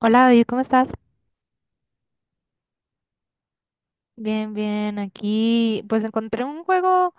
Hola David, ¿cómo estás? Bien, bien, aquí pues encontré un juego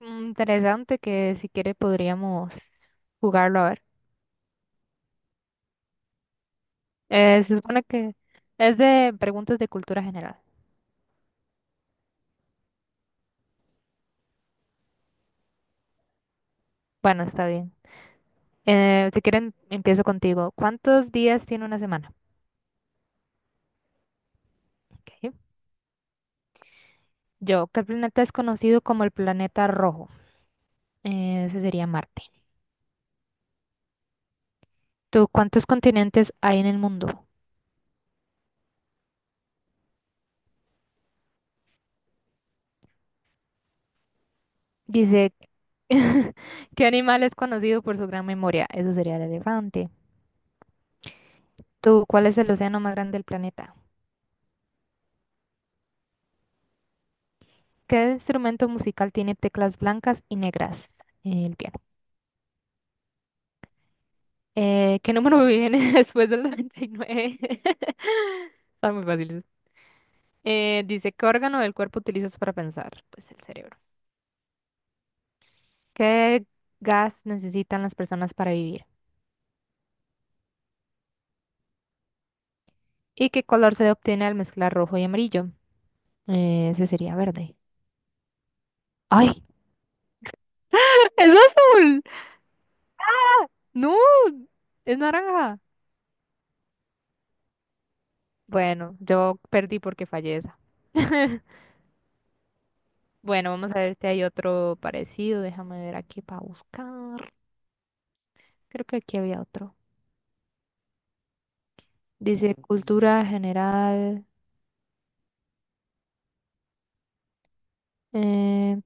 interesante que si quiere podríamos jugarlo a ver. Se supone que es de preguntas de cultura general. Bueno, está bien. Si quieren, empiezo contigo. ¿Cuántos días tiene una semana? Ok. Yo, ¿qué planeta es conocido como el planeta rojo? Ese sería Marte. ¿Tú cuántos continentes hay en el mundo? Dice, ¿qué animal es conocido por su gran memoria? Eso sería el elefante. ¿Tú cuál es el océano más grande del planeta? ¿Qué instrumento musical tiene teclas blancas y negras? El piano. ¿Qué número viene después del 99? Están muy fáciles. Dice, ¿qué órgano del cuerpo utilizas para pensar? Pues el cerebro. ¿Qué gas necesitan las personas para vivir? ¿Y qué color se obtiene al mezclar rojo y amarillo? Ese sería verde. ¡Ay! ¡Es azul! ¡No! ¡Es naranja! Bueno, yo perdí porque fallé esa. Bueno, vamos a ver si hay otro parecido. Déjame ver aquí para buscar. Creo que aquí había otro. Dice cultura general. eh,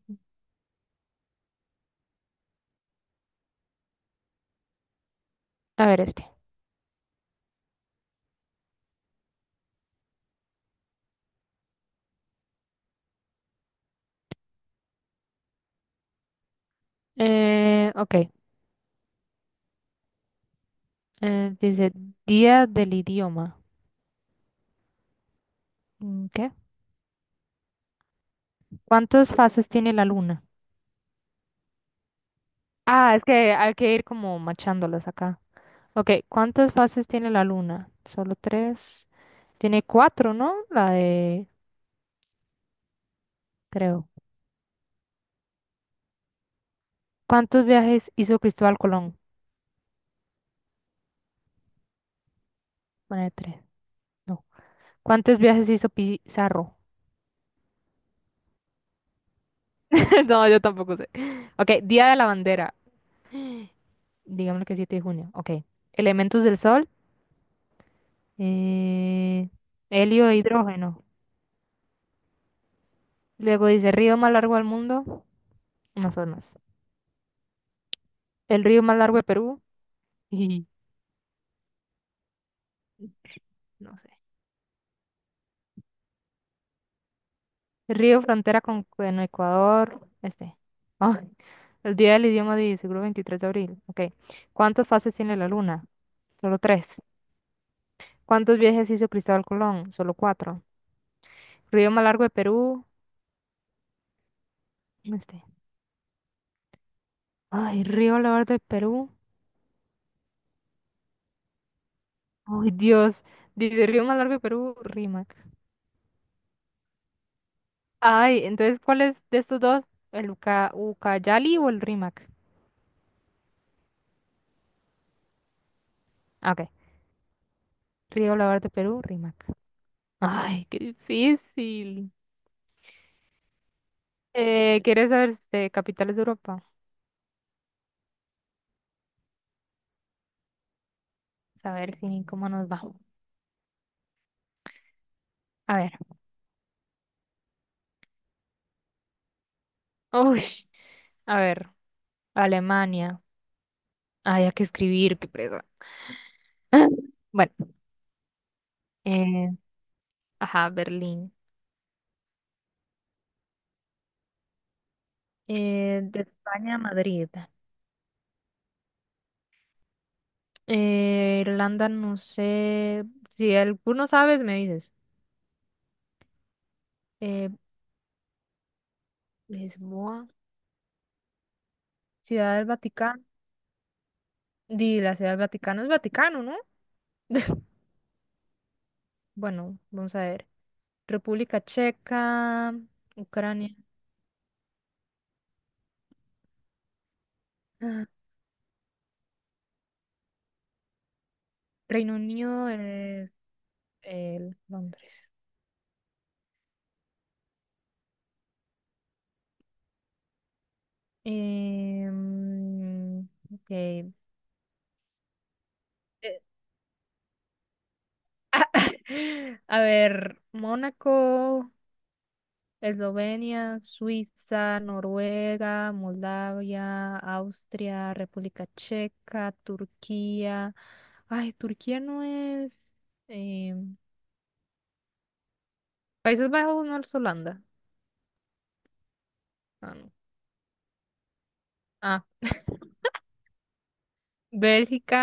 a ver este. Ok. Dice día del idioma. Mm, ¿qué? ¿Cuántas fases tiene la luna? Ah, es que hay que ir como machándolas acá. Ok, ¿cuántas fases tiene la luna? Solo tres. Tiene cuatro, ¿no? La de, creo. ¿Cuántos viajes hizo Cristóbal Colón? Pone tres. No. ¿Cuántos viajes hizo Pizarro? No, yo tampoco sé. Ok, Día de la Bandera. Digámoslo que 7 de junio. Ok. Elementos del Sol. eh, Helio e hidrógeno. Luego dice río más largo del mundo. Amazonas. El río más largo de Perú. No sé. El río frontera con Ecuador. Este. Ah, el día del idioma de seguro 23 de abril. Ok. ¿Cuántas fases tiene la luna? Solo tres. ¿Cuántos viajes hizo Cristóbal Colón? Solo cuatro. Río Malargo de Perú. Este. Ay, Río Lavar de Perú. Ay, Dios. Dice Río Malargo de Perú, Rímac. Ay, entonces, ¿cuál es de estos dos? ¿El Ucayali o el Rímac? Ah, ok. Río Lavar de Perú, Rímac. Ay, qué difícil. ¿Quieres saber este, capitales de Europa? A ver si, cómo nos va. A ver. Uy, a ver. Alemania. Ay, hay que escribir, qué presa. Bueno, eh, ajá, Berlín. De España a Madrid. Irlanda, no sé. Si alguno sabes, me dices. Eh, Lisboa, Ciudad del Vaticano. Di, la Ciudad del Vaticano es Vaticano, ¿no? Bueno, vamos a ver. República Checa, Ucrania, ah, Reino Unido, el Londres. Em, ok. A ver, Mónaco, Eslovenia, Suiza, Noruega, Moldavia, Austria, República Checa, Turquía. Ay, Turquía no es... eh, Países Bajos no es Holanda. Ah, no. Ah, Bélgica,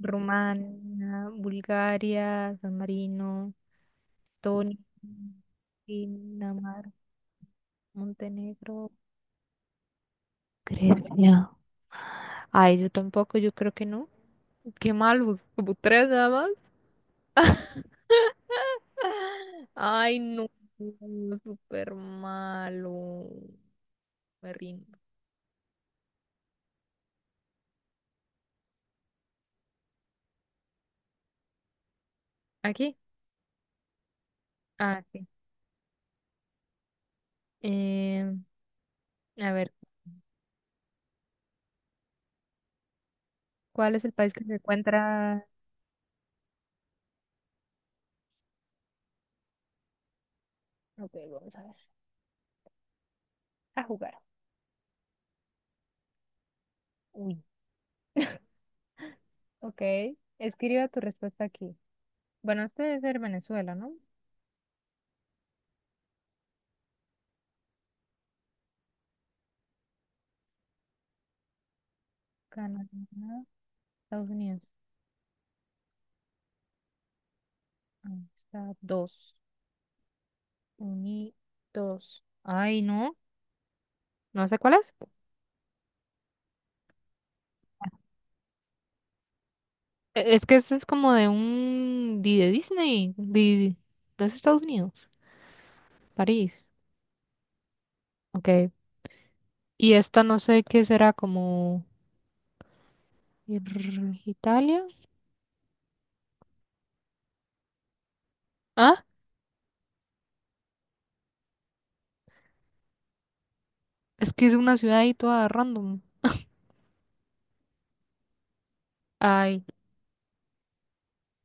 Rumania, Bulgaria, San Marino, Estonia, Dinamarca, Montenegro, Grecia. Ay, yo tampoco, yo creo que no. Qué mal, como tres nada. Ay, no, no, súper malo. Me rindo. ¿Aquí? Ah, sí. Eh, a ver, ¿cuál es el país que se encuentra? Ok, vamos a ver. A jugar. Uy. Ok. Escriba tu respuesta aquí. Bueno, este debe ser Venezuela, ¿no? Canadá, Estados Unidos. Ahí está. Dos. Unidos. Ay, no. No sé cuál es. Es que este es como de un... de Disney. De los Estados Unidos. París, ok. Y esta no sé qué será, como Italia. Ah, es que es una ciudad ahí toda random. Ay,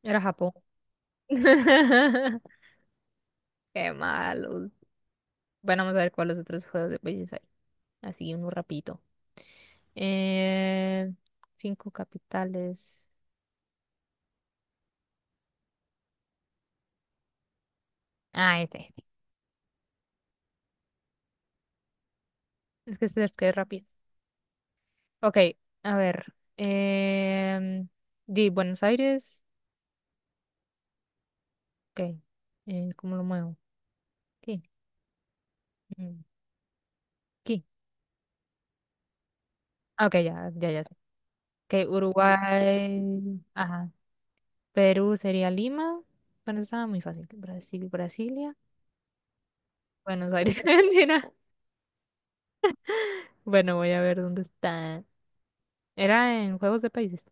era Japón. Qué malos. Bueno, vamos a ver cuáles otros juegos de países hay. Así, uno rapidito. Eh, Cinco capitales. Ah, este, este. Es que este es que es rápido. Ok, a ver. Di Buenos Aires. Ok. ¿Cómo lo muevo? Aquí. Mm, aquí. Ah, ok, ya, ya, ya sé. Que Uruguay, ajá. Perú sería Lima. Bueno, estaba muy fácil. Brasil, Brasilia. Buenos Aires, Argentina. Bueno, voy a ver dónde está. Era en Juegos de Países.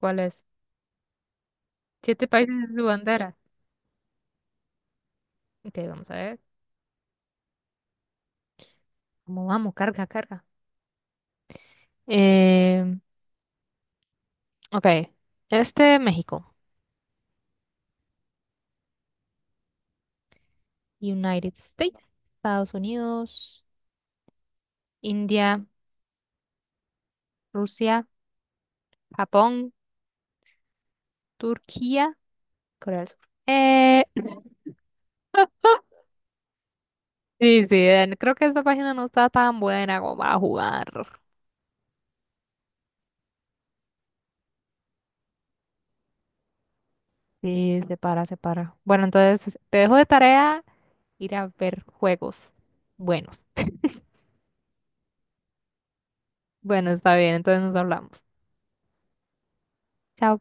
¿Cuál es? Siete países en su bandera. Ok, vamos a ver. ¿Cómo vamos? Carga, carga. Eh, ok. Este, México. United States. Estados Unidos. India. Rusia. Japón. Turquía. Corea del Sur. Eh, Sí, sí, creo que esa página no está tan buena como para jugar. Sí, se para, se para. Bueno, entonces te dejo de tarea ir a ver juegos buenos. Bueno, está bien, entonces nos hablamos. Chao.